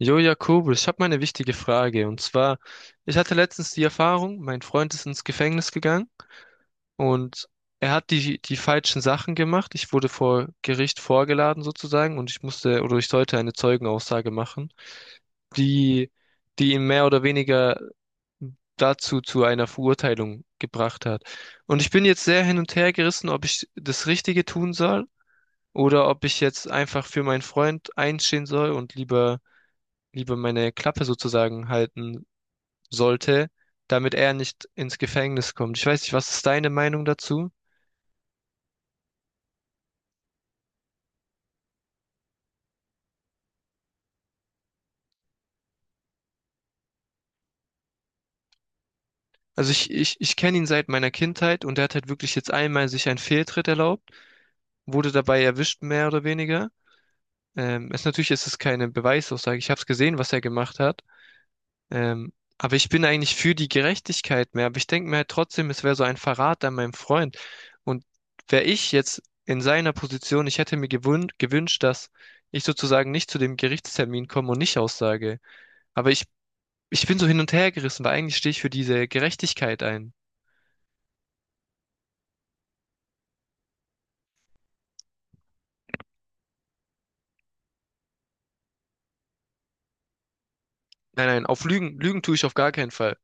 Jo, Jakobus, ich habe mal eine wichtige Frage. Und zwar, ich hatte letztens die Erfahrung, mein Freund ist ins Gefängnis gegangen und er hat die falschen Sachen gemacht. Ich wurde vor Gericht vorgeladen sozusagen und ich musste oder ich sollte eine Zeugenaussage machen, die, die ihn mehr oder weniger dazu zu einer Verurteilung gebracht hat. Und ich bin jetzt sehr hin und her gerissen, ob ich das Richtige tun soll oder ob ich jetzt einfach für meinen Freund einstehen soll und lieber meine Klappe sozusagen halten sollte, damit er nicht ins Gefängnis kommt. Ich weiß nicht, was ist deine Meinung dazu? Also ich kenne ihn seit meiner Kindheit und er hat halt wirklich jetzt einmal sich einen Fehltritt erlaubt, wurde dabei erwischt, mehr oder weniger. Es natürlich ist es keine Beweisaussage. Ich habe es gesehen, was er gemacht hat. Aber ich bin eigentlich für die Gerechtigkeit mehr. Aber ich denke mir halt trotzdem, es wäre so ein Verrat an meinem Freund. Und wäre ich jetzt in seiner Position, ich hätte mir gewünscht, dass ich sozusagen nicht zu dem Gerichtstermin komme und nicht aussage. Aber ich Ich bin so hin und her gerissen, weil eigentlich stehe ich für diese Gerechtigkeit ein. Nein, nein, auf Lügen tue ich auf gar keinen Fall.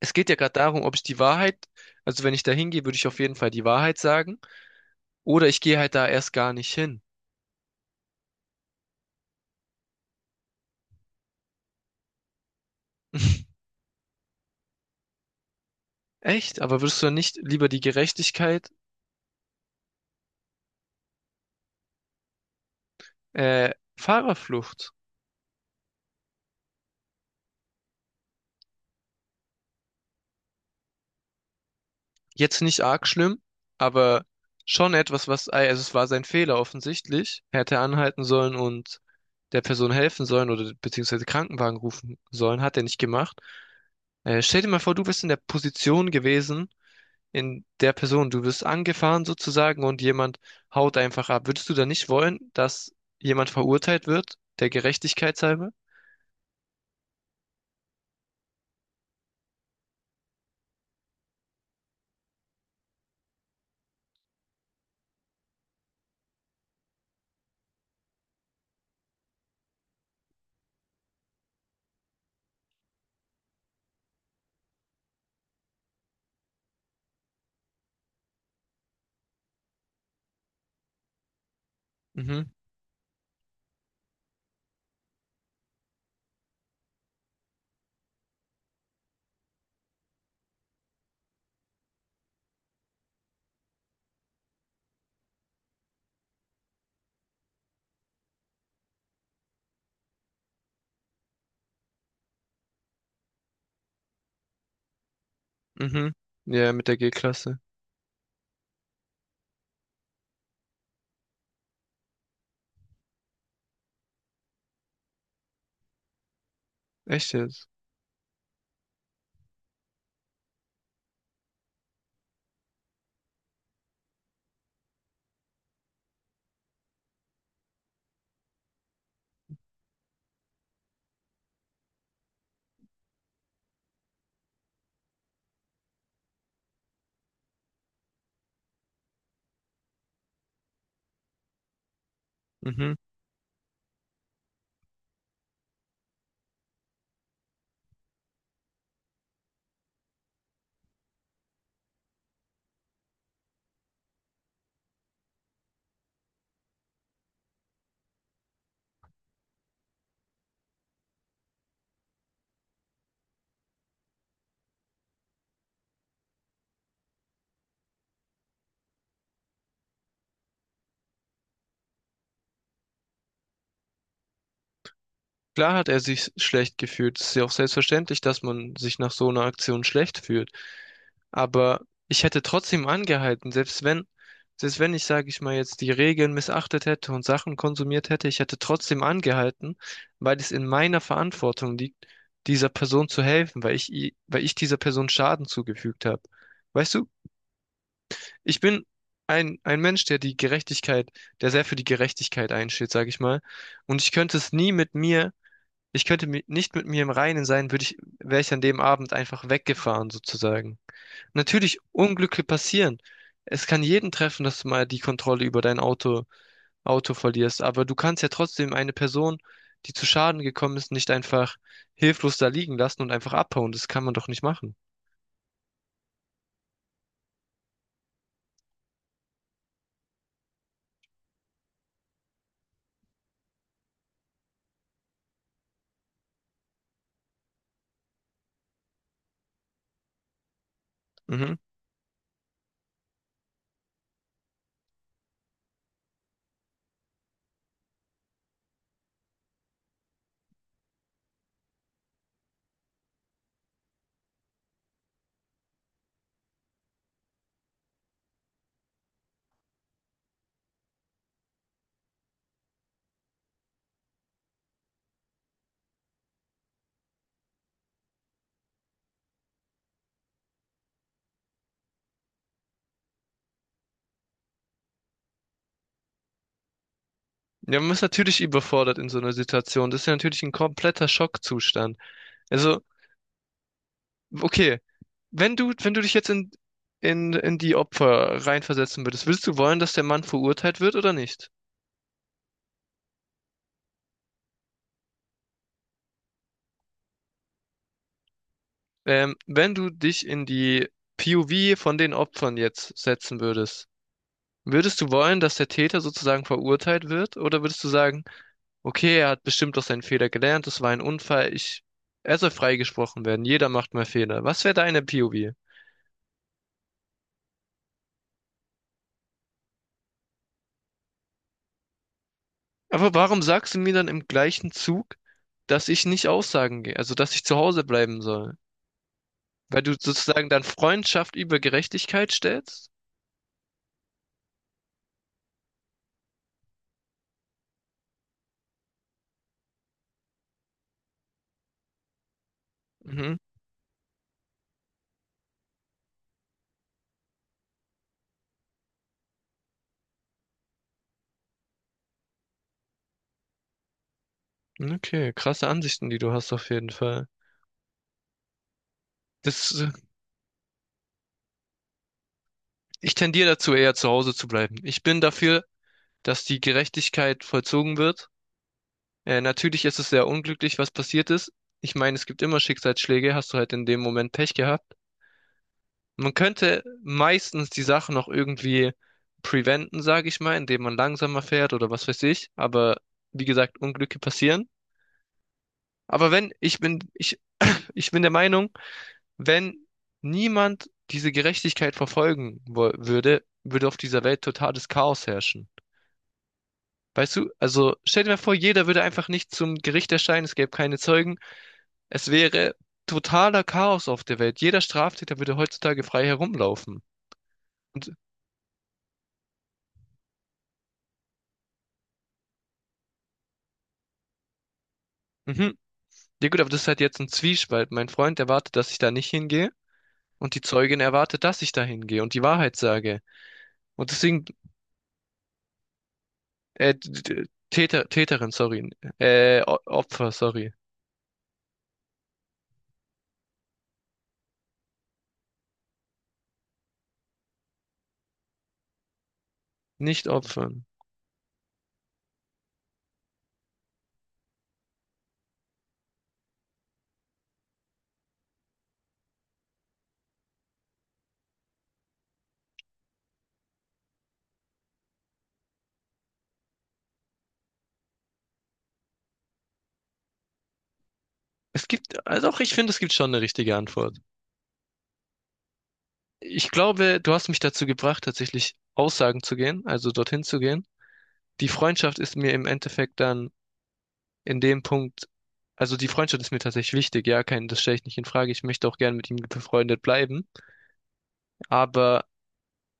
Es geht ja gerade darum, ob ich also wenn ich da hingehe, würde ich auf jeden Fall die Wahrheit sagen, oder ich gehe halt da erst gar nicht hin. Echt? Aber würdest du dann nicht lieber die äh, Fahrerflucht? Jetzt nicht arg schlimm, aber schon etwas, also es war sein Fehler offensichtlich. Er hätte anhalten sollen und der Person helfen sollen oder beziehungsweise Krankenwagen rufen sollen, hat er nicht gemacht. Stell dir mal vor, du wärst in der Position gewesen, in der Person, du wirst angefahren sozusagen und jemand haut einfach ab. Würdest du da nicht wollen, dass jemand verurteilt wird, der Gerechtigkeit halber? Mhm, mhm. Ja, mit der G-Klasse. Echt jetzt? Mhm. Klar hat er sich schlecht gefühlt. Es ist ja auch selbstverständlich, dass man sich nach so einer Aktion schlecht fühlt. Aber ich hätte trotzdem angehalten, selbst wenn ich, sage ich mal, jetzt die Regeln missachtet hätte und Sachen konsumiert hätte, ich hätte trotzdem angehalten, weil es in meiner Verantwortung liegt, dieser Person zu helfen, weil weil ich dieser Person Schaden zugefügt habe. Weißt du? Ich bin ein Mensch, der der sehr für die Gerechtigkeit einsteht, sage ich mal. Und ich könnte es nie ich könnte nicht mit mir im Reinen sein, würde ich, wäre ich an dem Abend einfach weggefahren, sozusagen. Natürlich, Unglücke passieren. Es kann jeden treffen, dass du mal die Kontrolle über Auto verlierst, aber du kannst ja trotzdem eine Person, die zu Schaden gekommen ist, nicht einfach hilflos da liegen lassen und einfach abhauen. Das kann man doch nicht machen. Mhm. Ja, man ist natürlich überfordert in so einer Situation. Das ist ja natürlich ein kompletter Schockzustand. Also, okay, wenn du dich jetzt in die Opfer reinversetzen würdest, würdest du wollen, dass der Mann verurteilt wird oder nicht? Wenn du dich in die POV von den Opfern jetzt setzen würdest, würdest du wollen, dass der Täter sozusagen verurteilt wird? Oder würdest du sagen, okay, er hat bestimmt aus seinen Fehler gelernt, das war ein Unfall, er soll freigesprochen werden, jeder macht mal Fehler. Was wäre deine POV? Aber warum sagst du mir dann im gleichen Zug, dass ich nicht aussagen gehe, also dass ich zu Hause bleiben soll? Weil du sozusagen dann Freundschaft über Gerechtigkeit stellst? Mhm. Okay, krasse Ansichten, die du hast auf jeden Fall. Das, äh, Ich tendiere dazu, eher zu Hause zu bleiben. Ich bin dafür, dass die Gerechtigkeit vollzogen wird. Natürlich ist es sehr unglücklich, was passiert ist. Ich meine, es gibt immer Schicksalsschläge, hast du halt in dem Moment Pech gehabt. Man könnte meistens die Sache noch irgendwie preventen, sage ich mal, indem man langsamer fährt oder was weiß ich. Aber wie gesagt, Unglücke passieren. Aber wenn, ich bin, ich bin der Meinung, wenn niemand diese Gerechtigkeit würde, würde auf dieser Welt totales Chaos herrschen. Weißt du, also stell dir mal vor, jeder würde einfach nicht zum Gericht erscheinen, es gäbe keine Zeugen. Es wäre totaler Chaos auf der Welt. Jeder Straftäter würde heutzutage frei herumlaufen. Und, mhm. Ja gut, aber das ist halt jetzt ein Zwiespalt. Mein Freund erwartet, dass ich da nicht hingehe und die Zeugin erwartet, dass ich da hingehe und die Wahrheit sage. Und deswegen, Täter, Täterin, sorry, Opfer, sorry, nicht Opfern. Also auch ich finde, es gibt schon eine richtige Antwort. Ich glaube, du hast mich dazu gebracht, tatsächlich Aussagen zu gehen, also dorthin zu gehen. Die Freundschaft ist mir im Endeffekt dann in dem Punkt, Also die Freundschaft ist mir tatsächlich wichtig, ja, kein, das stelle ich nicht in Frage. Ich möchte auch gern mit ihm befreundet bleiben, aber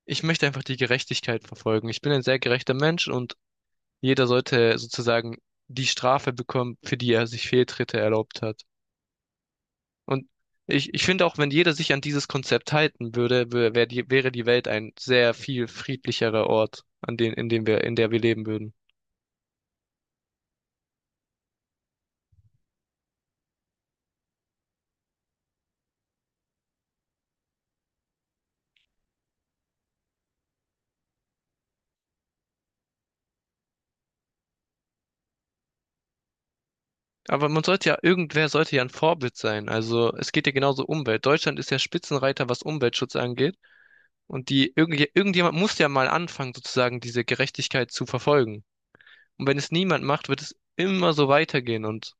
ich möchte einfach die Gerechtigkeit verfolgen. Ich bin ein sehr gerechter Mensch und jeder sollte sozusagen die Strafe bekommen, für die er sich Fehltritte erlaubt hat. Und ich finde auch, wenn jeder sich an dieses Konzept halten würde, wäre die Welt ein sehr viel friedlicherer Ort, an den, in dem wir, in der wir leben würden. Aber man sollte ja, irgendwer sollte ja ein Vorbild sein. Also es geht ja genauso um Umwelt. Deutschland ist ja Spitzenreiter, was Umweltschutz angeht. Und irgendjemand muss ja mal anfangen, sozusagen diese Gerechtigkeit zu verfolgen. Und wenn es niemand macht, wird es immer so weitergehen. Und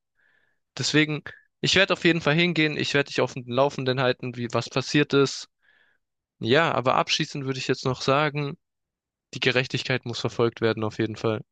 deswegen, ich werde auf jeden Fall hingehen. Ich werde dich auf dem Laufenden halten, wie was passiert ist. Ja, aber abschließend würde ich jetzt noch sagen, die Gerechtigkeit muss verfolgt werden, auf jeden Fall.